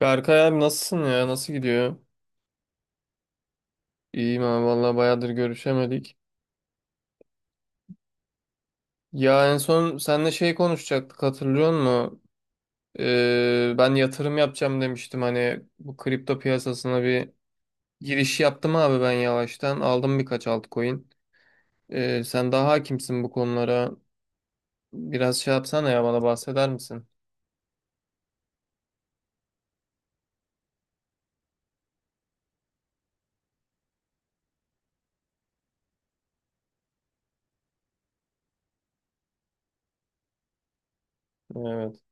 Berkay abi nasılsın ya? Nasıl gidiyor? İyiyim abi vallahi bayağıdır görüşemedik. Ya en son seninle şey konuşacaktık hatırlıyor musun? Ben yatırım yapacağım demiştim hani bu kripto piyasasına bir giriş yaptım abi ben yavaştan. Aldım birkaç altcoin. Sen daha hakimsin bu konulara. Biraz şey yapsana ya bana bahseder misin? Evet.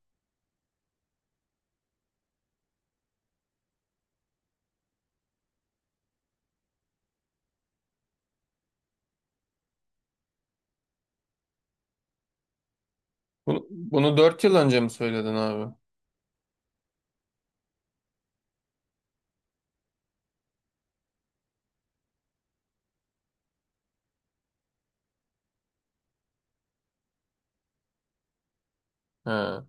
Bunu 4 yıl önce mi söyledin abi? He.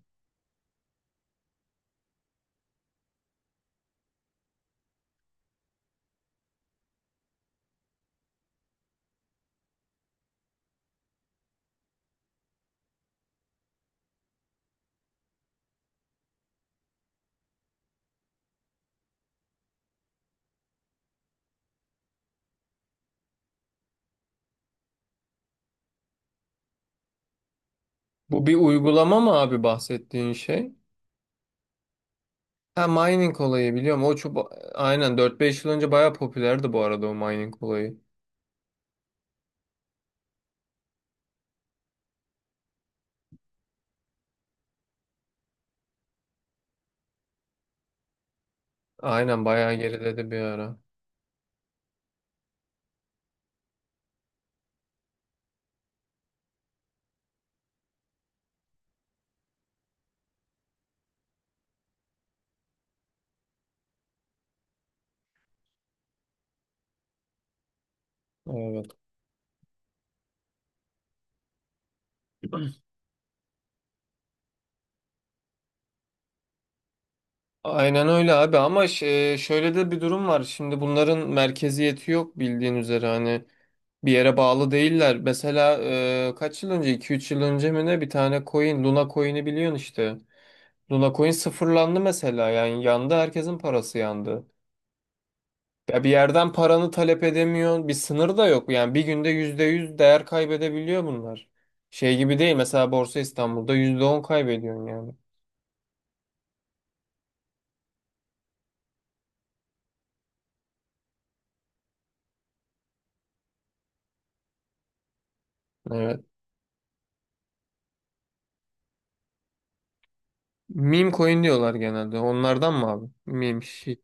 Bu bir uygulama mı abi bahsettiğin şey? Ha, mining olayı biliyorum. O çok aynen dört beş yıl önce bayağı popülerdi bu arada o mining olayı. Aynen bayağı geriledi bir ara. Evet. Aynen öyle abi ama şöyle de bir durum var. Şimdi bunların merkeziyeti yok bildiğin üzere hani bir yere bağlı değiller. Mesela kaç yıl önce iki üç yıl önce mi ne bir tane coin Luna coin'i biliyorsun işte. Luna coin sıfırlandı mesela yani yandı herkesin parası yandı. Ya bir yerden paranı talep edemiyorsun. Bir sınır da yok. Yani bir günde %100 değer kaybedebiliyor bunlar. Şey gibi değil. Mesela Borsa İstanbul'da %10 kaybediyorsun yani. Evet. Meme coin diyorlar genelde. Onlardan mı abi? Meme shit.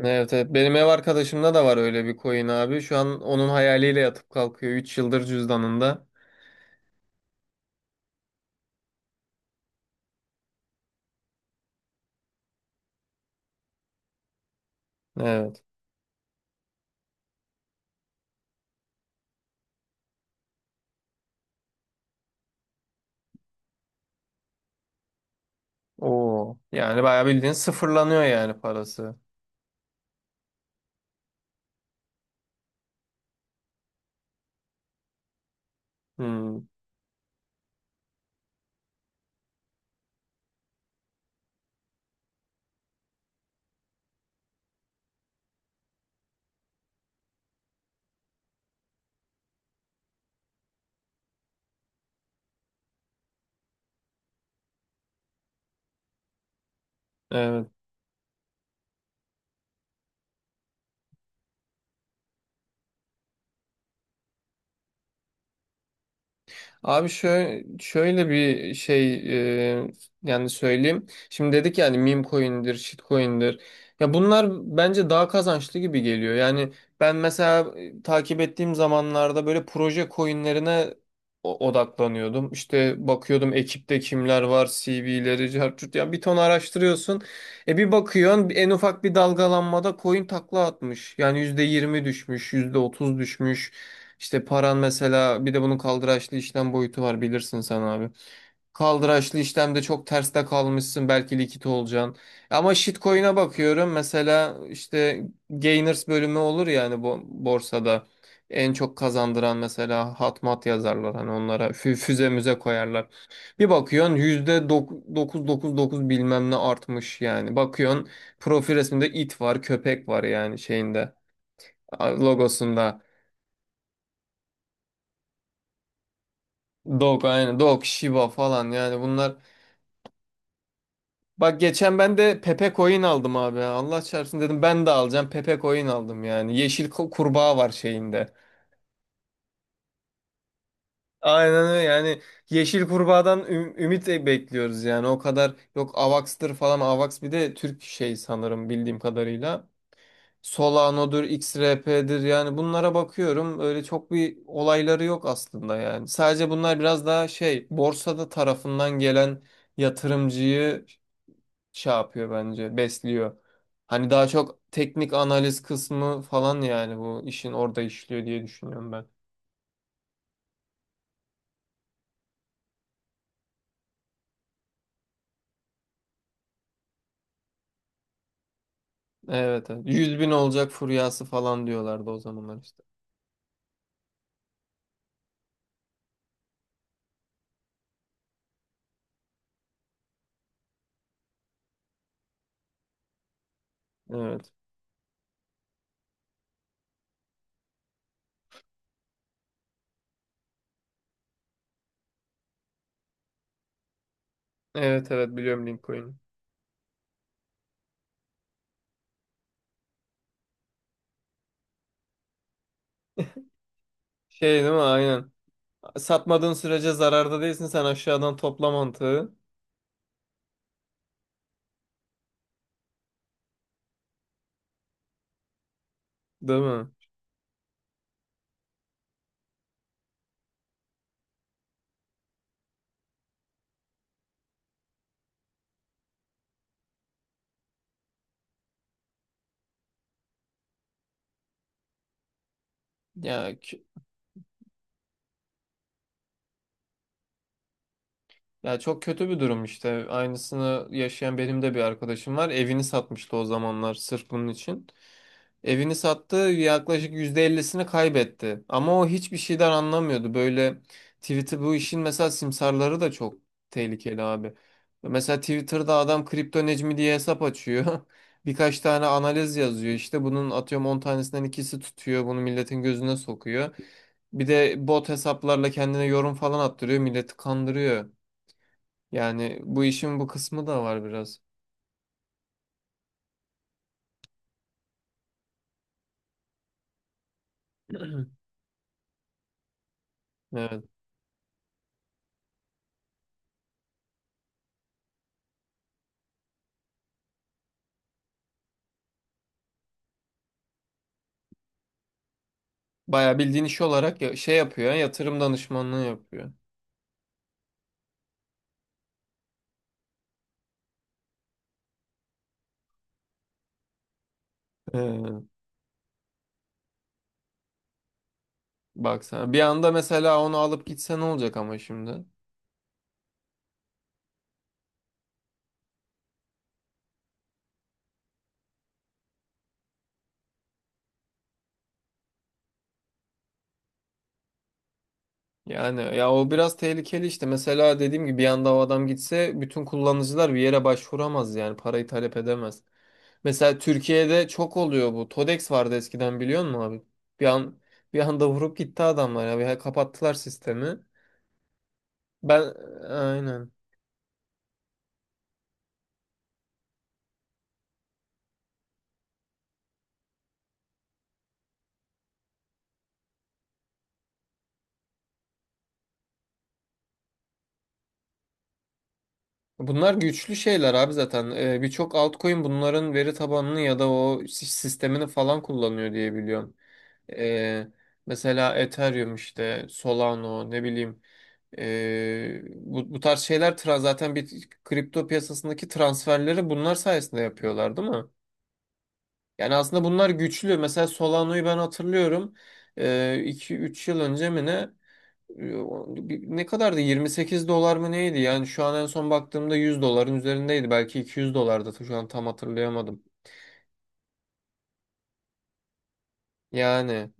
Evet, evet. Benim ev arkadaşımda da var öyle bir coin abi. Şu an onun hayaliyle yatıp kalkıyor. Üç yıldır cüzdanında. Evet. Oo. Yani bayağı bildiğin sıfırlanıyor yani parası. Hmm. Evet. Abi şöyle bir şey, e, yani söyleyeyim. Şimdi dedik yani meme coin'dir, shit coin'dir. Ya bunlar bence daha kazançlı gibi geliyor. Yani ben mesela takip ettiğim zamanlarda böyle proje coin'lerine odaklanıyordum. İşte bakıyordum ekipte kimler var, CV'leri, cartçut ya bir ton araştırıyorsun. Bir bakıyorsun en ufak bir dalgalanmada coin takla atmış. Yani %20 düşmüş, %30 düşmüş. İşte paran mesela bir de bunun kaldıraçlı işlem boyutu var bilirsin sen abi. Kaldıraçlı işlemde çok terste kalmışsın belki likit olacaksın. Ama shitcoin'e bakıyorum mesela işte gainers bölümü olur yani bu borsada. En çok kazandıran mesela hatmat yazarlar hani onlara füze müze koyarlar. Bir bakıyorsun %999 bilmem ne artmış yani. Bakıyorsun profil resminde it var köpek var yani şeyinde logosunda. Dog, aynen. Dog, Shiba falan yani bunlar. Bak geçen ben de Pepe Coin aldım abi. Ya, Allah çarpsın dedim ben de alacağım. Pepe Coin aldım yani. Yeşil kurbağa var şeyinde. Aynen öyle yani. Yeşil kurbağadan ümit bekliyoruz yani. O kadar yok Avax'tır falan. Avax bir de Türk şey sanırım bildiğim kadarıyla. Solano'dur, XRP'dir yani bunlara bakıyorum. Öyle çok bir olayları yok aslında yani. Sadece bunlar biraz daha şey borsada tarafından gelen yatırımcıyı şey yapıyor bence besliyor. Hani daha çok teknik analiz kısmı falan yani bu işin orada işliyor diye düşünüyorum ben. Evet, evet. Yüz bin olacak furyası falan diyorlardı o zamanlar işte. Evet. Evet, evet, biliyorum Lincoln'u. Şey değil mi? Aynen. Satmadığın sürece zararda değilsin sen aşağıdan topla mantığı. Değil mi? Ya Ya, çok kötü bir durum işte. Aynısını yaşayan benim de bir arkadaşım var. Evini satmıştı o zamanlar sırf bunun için. Evini sattı, yaklaşık %50'sini kaybetti. Ama o hiçbir şeyden anlamıyordu. Böyle Twitter bu işin mesela simsarları da çok tehlikeli abi. Mesela Twitter'da adam kripto Necmi diye hesap açıyor. Birkaç tane analiz yazıyor. İşte bunun atıyorum 10 tanesinden ikisi tutuyor. Bunu milletin gözüne sokuyor. Bir de bot hesaplarla kendine yorum falan attırıyor. Milleti kandırıyor. Yani bu işin bu kısmı da var biraz. Evet. Bayağı bildiğin iş olarak şey yapıyor, yatırım danışmanlığı yapıyor. Ee, Baksana. Bir anda mesela onu alıp gitse ne olacak ama şimdi? Yani ya o biraz tehlikeli işte. Mesela dediğim gibi bir anda o adam gitse bütün kullanıcılar bir yere başvuramaz yani parayı talep edemez. Mesela Türkiye'de çok oluyor bu. Todex vardı eskiden biliyor musun abi? Bir an Bir anda vurup gitti adamlar ya. Kapattılar sistemi. Ben, aynen. Bunlar güçlü şeyler abi zaten. Birçok altcoin bunların veri tabanını ya da o sistemini falan kullanıyor diye biliyorum. Ee, Mesela Ethereum işte, Solano ne bileyim. Bu tarz şeyler zaten bir kripto piyasasındaki transferleri bunlar sayesinde yapıyorlar değil mi? Yani aslında bunlar güçlü. Mesela Solano'yu ben hatırlıyorum. İki üç yıl önce mi ne? Ne kadardı? 28 dolar mı neydi? Yani şu an en son baktığımda 100 doların üzerindeydi. Belki 200 dolardı. Şu an tam hatırlayamadım. Yani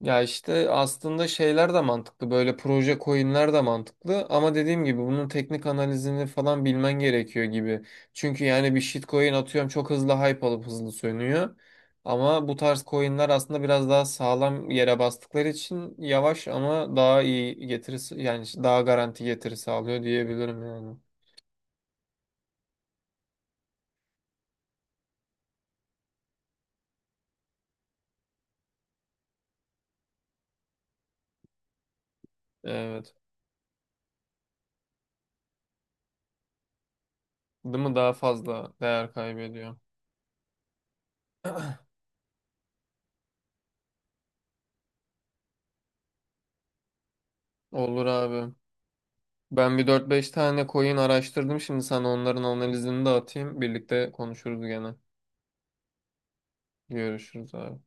ya işte aslında şeyler de mantıklı. Böyle proje coinler de mantıklı. Ama dediğim gibi bunun teknik analizini falan bilmen gerekiyor gibi. Çünkü yani bir shitcoin atıyorum çok hızlı hype alıp hızlı sönüyor. Ama bu tarz coinler aslında biraz daha sağlam yere bastıkları için yavaş ama daha iyi getirisi yani daha garanti getiri sağlıyor diyebilirim yani. Evet. Değil mi? Daha fazla değer kaybediyor. Olur abi. Ben bir dört beş tane coin araştırdım. Şimdi sana onların analizini de atayım. Birlikte konuşuruz gene. Görüşürüz abi.